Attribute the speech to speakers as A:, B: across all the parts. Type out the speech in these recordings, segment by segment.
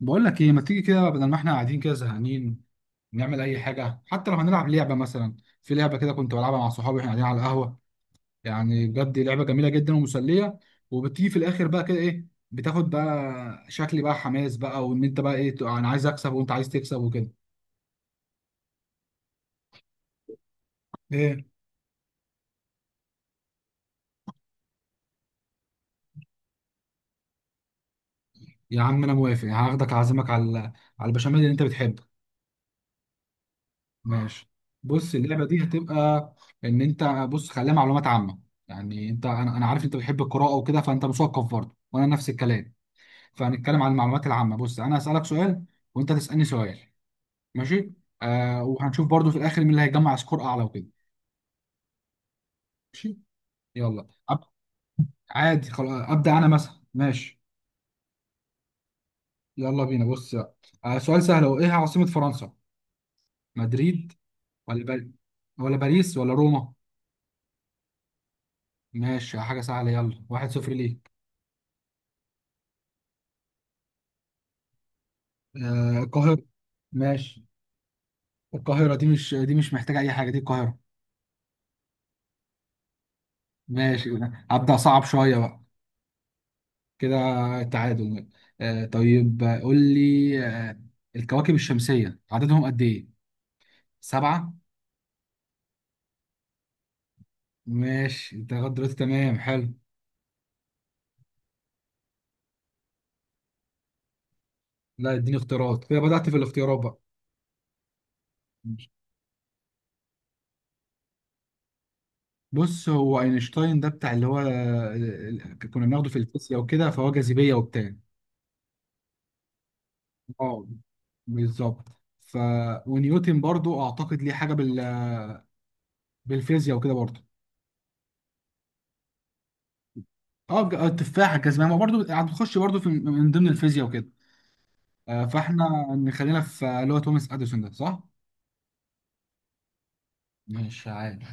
A: بقول لك ايه، ما تيجي كده بدل ما احنا قاعدين كده زهقانين؟ نعمل اي حاجه، حتى لو هنلعب لعبه مثلا. في لعبه كده كنت بلعبها مع صحابي واحنا قاعدين على القهوه، يعني بجد لعبه جميله جدا ومسليه. وبتيجي في الاخر بقى كده ايه، بتاخد بقى شكل بقى حماس بقى، وان بقى ايه تبقى انا عايز اكسب وانت عايز تكسب وكده. ايه يا عم، انا موافق، هاخدك اعزمك على البشاميل اللي انت بتحبه. ماشي. بص اللعبه دي هتبقى ان انت، بص خليها معلومات عامه. يعني انت، انا عارف انت بتحب القراءه وكده، فانت مثقف برضه وانا نفس الكلام. فهنتكلم عن المعلومات العامة. بص، أنا هسألك سؤال وأنت تسألني سؤال. ماشي. آه، وهنشوف برضو في الآخر مين اللي هيجمع سكور أعلى وكده. ماشي. يلا أب... عادي، خلاص أبدأ أنا مثلا. ماشي، يلا بينا. بص بقى. آه، سؤال سهل، هو إيه عاصمة فرنسا؟ مدريد ولا بل... ولا باريس ولا روما؟ ماشي، حاجة سهلة، يلا واحد صفر ليك. آه، القاهرة. ماشي. القاهرة دي مش محتاجة أي حاجة، دي القاهرة. ماشي، أبدأ صعب شوية بقى كده. تعادل. آه طيب، قول لي، الكواكب الشمسية عددهم قد إيه؟ سبعة؟ ماشي، أنت لغاية دلوقتي تمام، حلو. لا، اديني اختيارات كده، بدأت في الاختيارات بقى. بص، هو اينشتاين ده بتاع اللي هو كنا بناخده في الفيزياء وكده، فهو جاذبية وبتاع. اه، بالظبط. ف ونيوتن برضو اعتقد ليه حاجة بالفيزياء وكده برضو. اه، التفاحة الجاذبية، ما برضو هتخش برضو في من ضمن الفيزياء وكده. فاحنا نخلينا في اللي هو توماس اديسون، ده صح؟ مش عارف.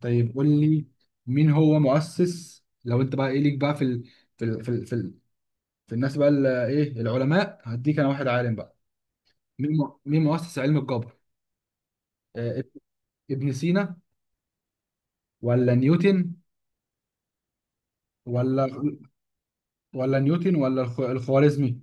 A: طيب قول لي، مين هو مؤسس، لو انت بقى ايه ليك بقى في في ال... في ال... في, ال... الناس بقى ال- ايه العلماء، هديك انا واحد عالم بقى. مين مين مؤسس علم الجبر؟ آه، اب- ابن سينا ولا نيوتن ولا ولا نيوتن ولا الخوارزمي؟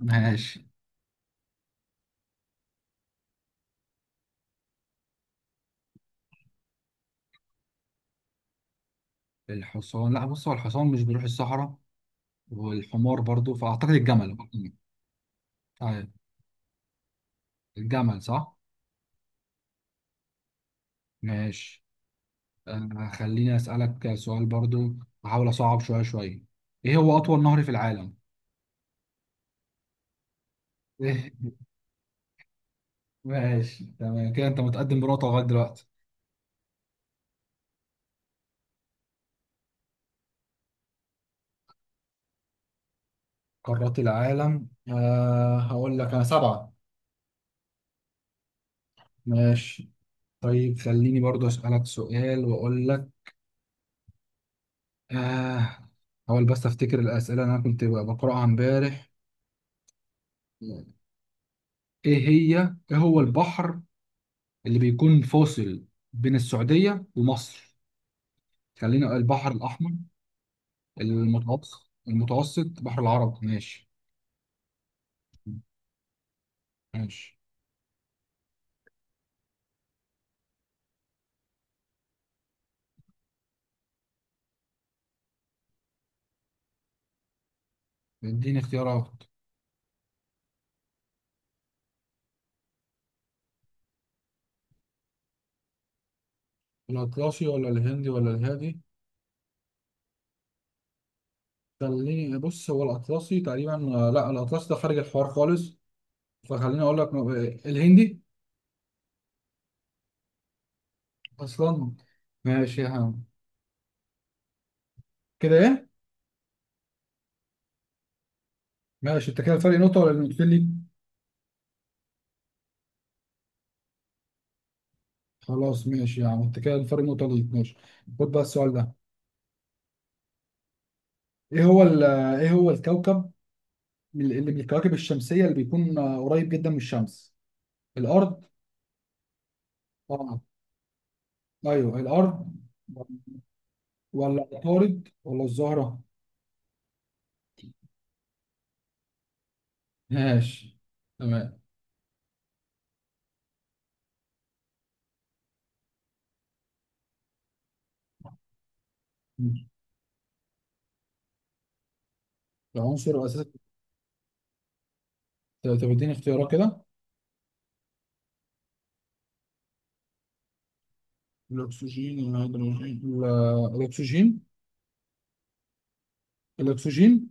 A: ماشي. الحصان، لا، بص هو الحصان مش بيروح الصحراء، والحمار برضو، فاعتقد الجمل. طيب، الجمل صح؟ ماشي. آه، خليني أسألك سؤال برضو، أحاول أصعب شوية. إيه هو أطول نهر في العالم؟ إيه؟ ماشي، تمام كده، أنت متقدم بنقطة لغاية دلوقتي. قارات العالم، أه هقول لك أنا سبعة. ماشي. طيب خليني برضو أسألك سؤال وأقول لك. أه، هحاول بس أفتكر الأسئلة اللي أنا كنت بقرأها إمبارح. إيه هي، إيه هو البحر اللي بيكون فاصل بين السعودية ومصر؟ خلينا البحر الأحمر، المتوسط، بحر العرب. ماشي. ماشي، اديني اختيارات. الأطلسي ولا الهندي ولا الهادي؟ خليني، بص، هو الأطلسي تقريبا، لا، الأطلسي ده خارج الحوار خالص، فخليني أقول لك الهندي أصلا. ماشي يا عم. كده إيه؟ ماشي، أنت كده الفرق نقطة ولا نقطتين ليك؟ خلاص ماشي يا عم، أنت كده الفرق نقطة ليك، ماشي. خد بقى السؤال ده. إيه هو ال- إيه هو الكوكب اللي من الكواكب الشمسية اللي بيكون قريب جدا من الشمس؟ الأرض؟ آه، ايوه الارض، ولا عطارد ولا الزهرة. ماشي، تمام. العنصر الاساسي، طب اديني اختيارات كده. الأكسجين، الهيدروجين، الاكسجين، الاكسجين.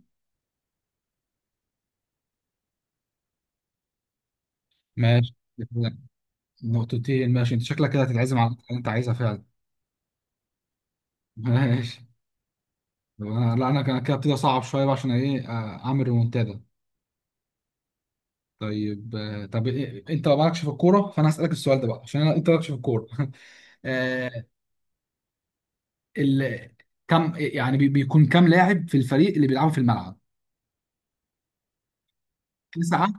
A: ماشي، تمام. نقطتين ماشي، انت شكلك كده هتتعزم على اللي انت عايزها فعلا. ماشي. طب انا، لا كان كده ابتدي اصعب شويه بقى عشان ايه، اعمل ريمونتادا. طيب، طب إيه؟ انت مالكش في الكوره، فانا هسالك السؤال ده بقى عشان انت مالكش في الكوره. ال... كم يعني بيكون كم لاعب في الفريق اللي بيلعبوا في الملعب؟ تسعة،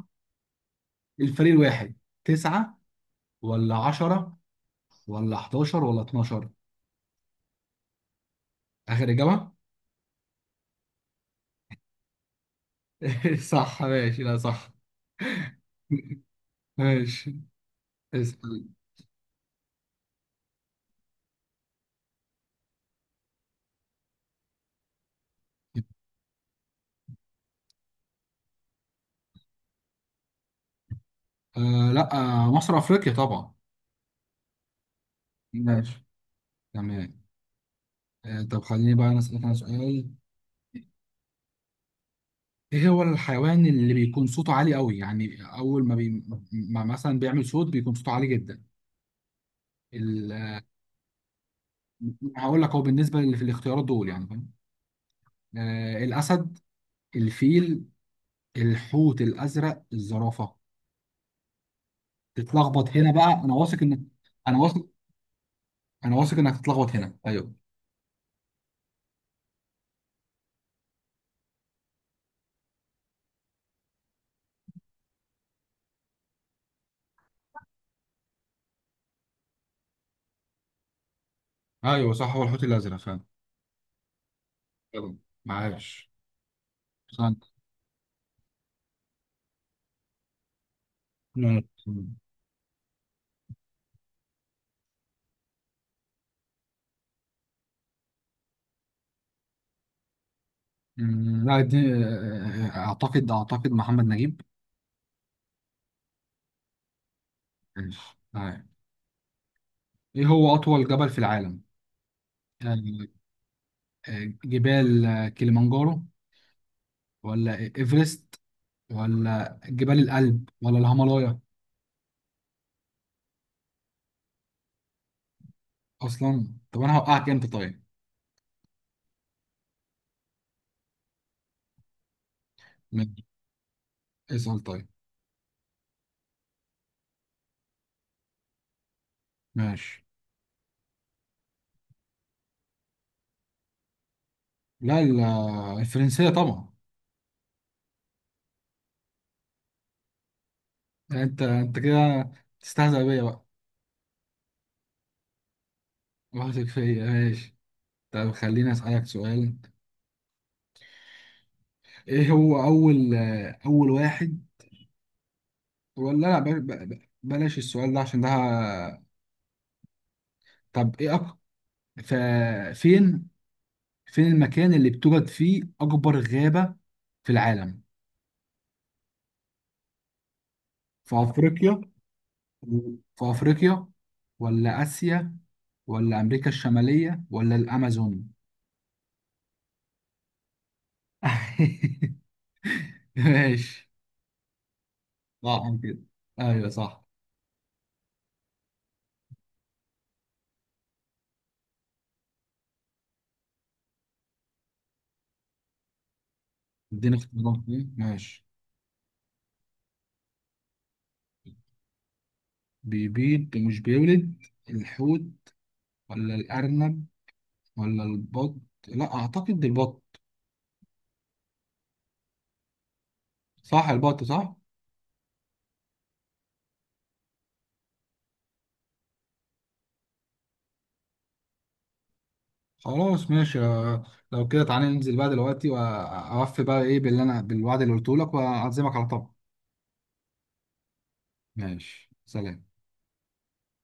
A: الفريق الواحد تسعة، ولا عشرة ولا 11 ولا 12؟ آخر إجابة. صح، ماشي، لا صح. ماشي، اسأل. آه لا، آه مصر أفريقيا طبعا. ماشي، تمام. آه طب خليني بقى أنا أسألك أنا سؤال. إيه هو الحيوان اللي بيكون صوته عالي قوي، يعني أول ما، ما مثلا بيعمل صوت بيكون صوته عالي جدا؟ ال... هقول لك، هو بالنسبة اللي في الاختيارات دول يعني، آه، الأسد، الفيل، الحوت الأزرق، الزرافة. تتلخبط هنا بقى، أنا واثق إنك، أنا واثق أنا واثق إنك هتتلخبط هنا، أيوه. ايوه صح، هو الحوت الازرق فعلا. يلا، معاش سنت. نعم. أمم، لا دي، آه، أعتقد، محمد نجيب. ماشي، تمام. إيه هو أطول جبل في العالم؟ آه، جبال، كليمانجارو ولا إيفرست ولا جبال الألب ولا الهيمالايا؟ أصلا طب أنا هوقعك أنت، طيب اسأل. طيب ماشي. لا ال- الفرنسية طبعا. يعني انت كده تستهزأ بيا بقى. واثق فيا، ماشي. طب خليني اسألك سؤال. ايه هو اول، اول واحد ولا لا ب- ب- بلاش السؤال ده عشان ده، ه- طب ايه أك... ف... فين فين المكان اللي بتوجد فيه اكبر غابة في العالم؟ في افريقيا؟ في افريقيا ولا اسيا ولا امريكا الشمالية ولا الامازون؟ ماشي. صح كده، ايوه صح. اديني اختيارات كده. ماشي. بيبيض ومش بيولد، الحوت ولا الارنب ولا البط؟ لا، اعتقد البط. صح، البط، صح. خلاص ماشي، آه، لو كده تعالى ننزل بقى دلوقتي واوفي بقى ايه باللي انا، بالوعد اللي قلته لك، واعزمك على طبق. ماشي، سلام.